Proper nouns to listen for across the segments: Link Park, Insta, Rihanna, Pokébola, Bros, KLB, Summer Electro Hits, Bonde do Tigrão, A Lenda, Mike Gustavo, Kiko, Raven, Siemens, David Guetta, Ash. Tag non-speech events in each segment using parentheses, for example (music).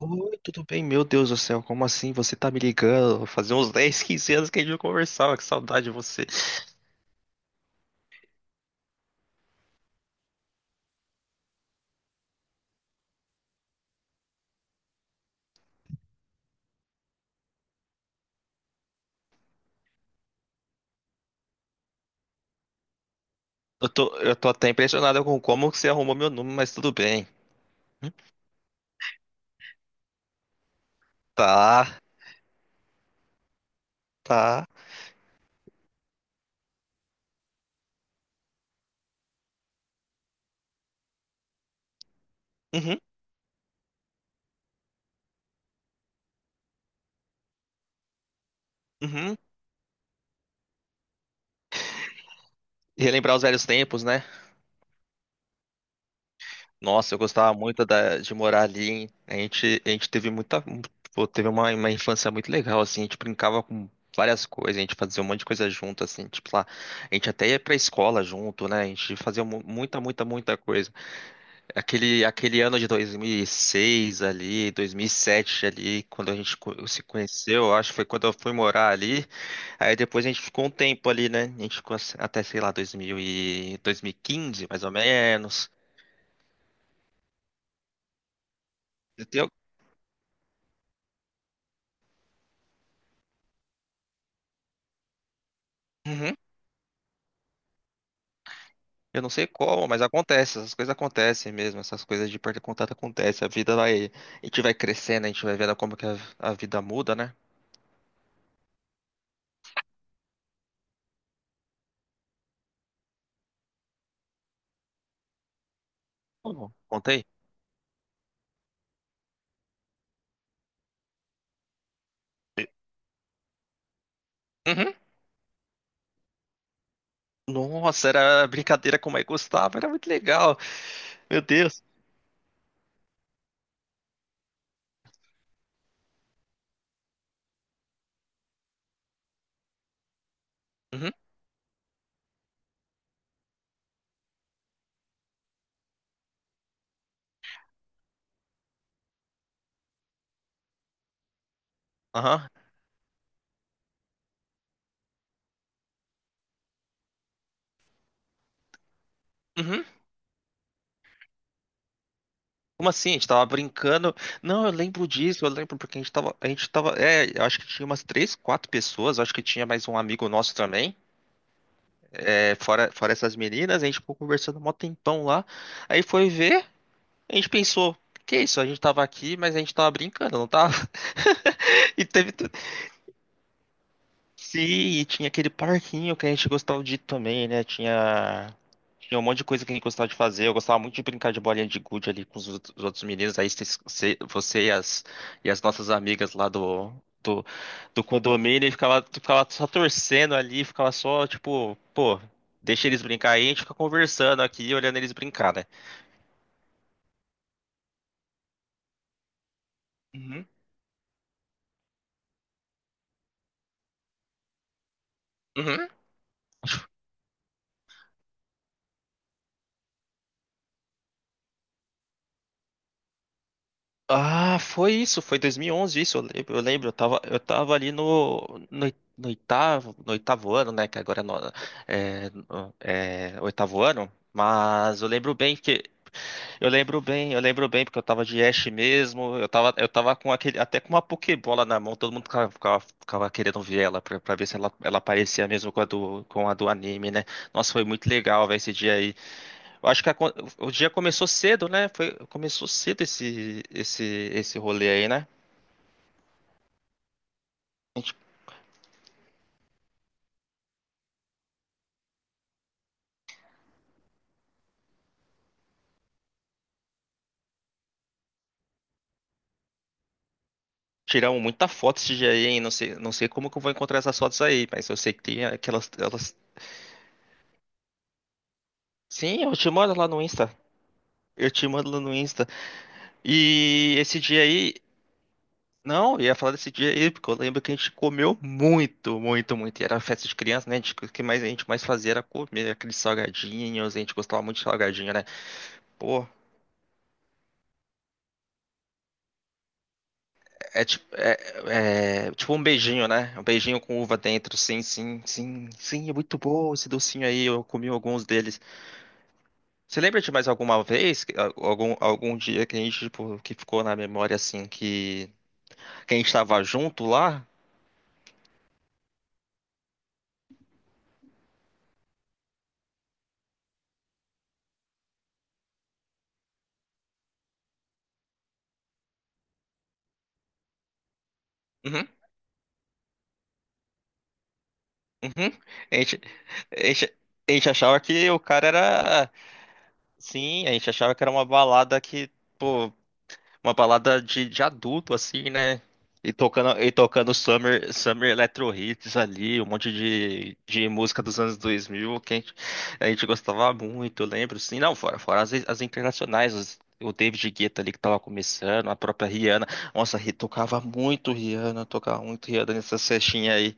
Oi, tudo bem? Meu Deus do céu, como assim você tá me ligando? Fazia uns 10 15 anos que a gente não conversava, que saudade de você. Eu tô até impressionado com como que você arrumou meu número, mas tudo bem. Hum. Tá, tá. Uhum, uhum. Relembrar os velhos tempos, né? Nossa, eu gostava muito de morar ali, hein? A gente teve muita, pô, teve uma infância muito legal, assim. A gente brincava com várias coisas, a gente fazia um monte de coisa junto, assim. Tipo lá, a gente até ia pra escola junto, né? A gente fazia muita, muita, muita coisa. Aquele ano de 2006 ali, 2007 ali, quando a gente se conheceu, eu acho que foi quando eu fui morar ali. Aí depois a gente ficou um tempo ali, né? A gente ficou assim, até, sei lá, 2000 e 2015, mais ou menos. Eu tenho- Uhum. Eu não sei como, mas acontece, essas coisas acontecem mesmo, essas coisas de perder contato acontecem. A vida vai, a gente vai crescendo, a gente vai vendo como que a vida muda, né? Ou Contei? Uhum. Nossa, era brincadeira com o Mike Gustavo, era muito legal. Meu Deus. Aham. Uhum. Como assim? A gente tava brincando. Não, eu lembro disso, eu lembro porque a gente tava. A gente tava. É, eu acho que tinha umas três, quatro pessoas, eu acho que tinha mais um amigo nosso também. É, fora essas meninas, a gente ficou conversando mó tempão lá. Aí foi ver, a gente pensou, que isso? A gente tava aqui, mas a gente tava brincando, não tava? (laughs) E teve. Sim, e tinha aquele parquinho que a gente gostava de ir também, né? Tinha um monte de coisa que a gente gostava de fazer. Eu gostava muito de brincar de bolinha de gude ali com os outros meninos. Aí você e as nossas amigas lá do, do condomínio e ficava só torcendo ali, ficava só, tipo, pô, deixa eles brincar aí, a gente fica conversando aqui, olhando eles brincar, né? Uhum. Uhum. Ah, foi isso, foi 2011 isso, eu lembro, eu tava ali no, no oitavo, no oitavo ano, né, que agora é, é oitavo ano, mas eu lembro bem, porque eu tava de Ash mesmo, eu tava com aquele, até com uma Pokébola na mão, todo mundo ficava querendo ver ela, pra ver se ela parecia mesmo com a do anime, né, nossa, foi muito legal, ver esse dia aí. Eu acho que a o dia começou cedo, né? Foi, começou cedo esse rolê aí, né? A gente tiramos muita foto esse dia aí, hein? Não sei como que eu vou encontrar essas fotos aí, mas eu sei que tem aquelas, elas. Sim, eu te mando lá no Insta. Eu te mando lá no Insta. E esse dia aí, não, eu ia falar desse dia aí, porque eu lembro que a gente comeu muito, muito, muito. E era festa de criança, né? O que mais a gente mais fazia era comer aqueles salgadinhos, a gente gostava muito de salgadinho, né? Porra. É tipo um beijinho, né? Um beijinho com uva dentro. Sim, sim, sim, sim, é muito bom esse docinho aí. Eu comi alguns deles. Você lembra de mais alguma vez, algum dia que a gente, tipo, que ficou na memória assim, que a gente tava junto lá? Uhum, uhum. A gente, a gente, a gente achava que o cara era. Sim, a gente achava que era uma balada que, pô, uma balada de adulto, assim, né? E tocando Summer Electro Hits ali, um monte de música dos anos 2000 que a gente gostava muito, eu lembro, assim, não, fora as internacionais, o David Guetta ali que tava começando, a própria Rihanna, nossa, tocava muito Rihanna nessa festinhas aí,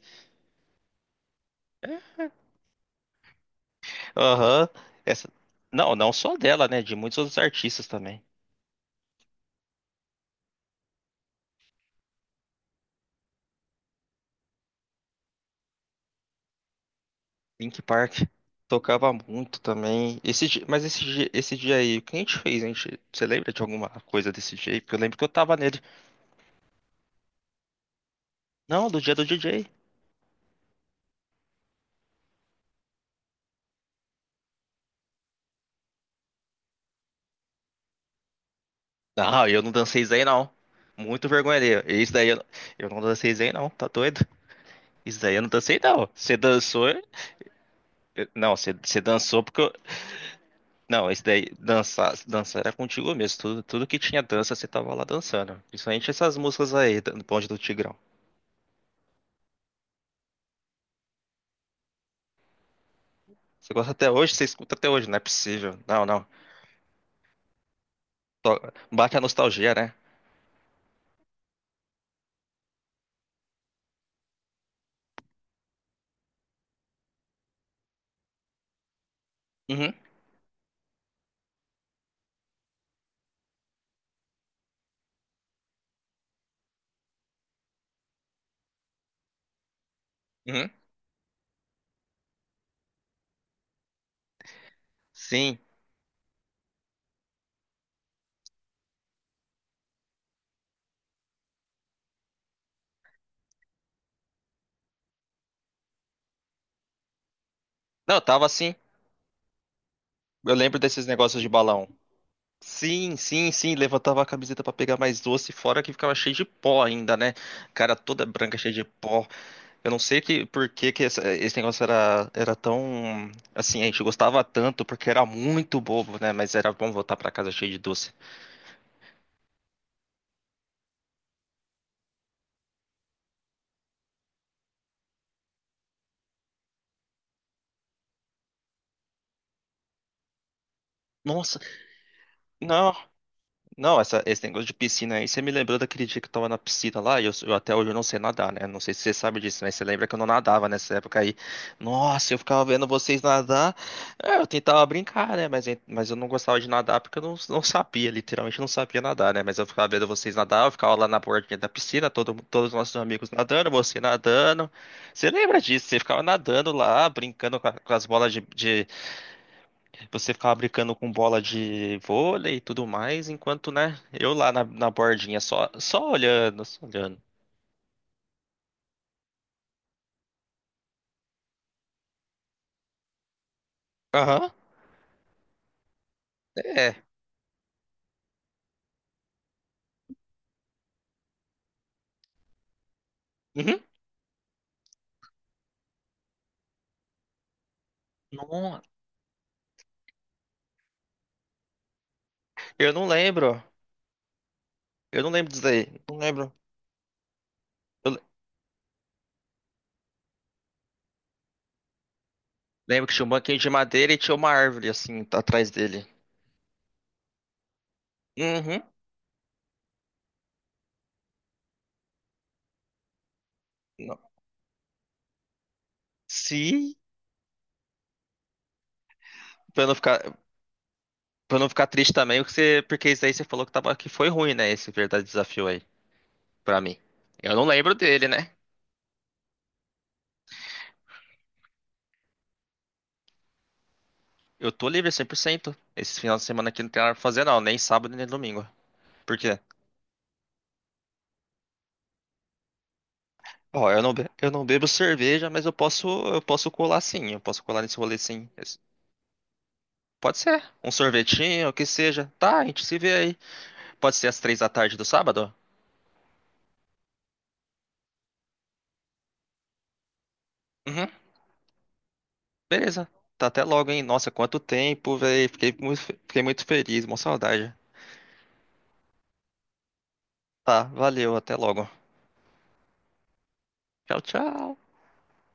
aham. Essa, não, não só dela, né, de muitos outros artistas também. Link Park tocava muito também. Esse, di- mas esse, di- esse dia aí, o que a gente fez? Você lembra de alguma coisa desse dia aí? Porque eu lembro que eu tava nele. Não, do dia do DJ. Não, eu não dancei isso aí não. Muito vergonha alheia. Isso daí eu não dancei isso aí não, tá doido? Isso daí eu não dancei não. Você dançou. Não, você dançou porque eu. Não, isso daí, dançar, dançar era contigo mesmo. Tudo, tudo que tinha dança, você tava lá dançando. Principalmente essas músicas aí, do Bonde do Tigrão. Você gosta até hoje? Você escuta até hoje? Não é possível. Não, não. To- Bate a nostalgia, né? Uhum, uhum. Sim. Não, eu tava assim. Eu lembro desses negócios de balão. Sim, sim, sim. Levantava a camiseta pra pegar mais doce, fora que ficava cheio de pó ainda, né? Cara toda branca, cheia de pó. Eu não sei por que, que esse negócio era tão. Assim, a gente gostava tanto porque era muito bobo, né? Mas era bom voltar pra casa cheio de doce. Nossa, não. Não, esse negócio de piscina aí, você me lembrou daquele dia que eu tava na piscina lá, e eu até hoje eu não sei nadar, né? Não sei se você sabe disso, mas você lembra que eu não nadava nessa época aí. Nossa, eu ficava vendo vocês nadar. É, eu tentava brincar, né? Mas, mas eu não gostava de nadar porque eu não sabia, literalmente não sabia nadar, né? Mas eu ficava vendo vocês nadar, eu ficava lá na bordinha da piscina, todos os nossos amigos nadando. Você lembra disso? Você ficava nadando lá, brincando com as bolas de, você ficava brincando com bola de vôlei e tudo mais, enquanto, né, eu lá na bordinha, só olhando, só olhando. Aham, é. Uhum. Não, eu não lembro. Eu não lembro disso aí. Não lembro. Eu lembro que tinha um banquinho de madeira e tinha uma árvore, assim, tá atrás dele. Uhum. Não. Se, pra eu não ficar, pra eu não ficar triste também, porque isso aí você falou que foi ruim, né, esse verdadeiro desafio aí, pra mim. Eu não lembro dele, né? Eu tô livre 100%. Esse final de semana aqui não tem nada pra fazer, não. Nem sábado, nem domingo. Por quê? Ó, eu não bebo cerveja, mas eu posso colar sim. Eu posso colar nesse rolê sim. Pode ser. Um sorvetinho, o que seja. Tá, a gente se vê aí. Pode ser às 3 da tarde do sábado? Uhum, beleza. Tá até logo, hein? Nossa, quanto tempo, velho. Fiquei muito feliz, uma saudade. Tá, valeu, até logo. Tchau, tchau.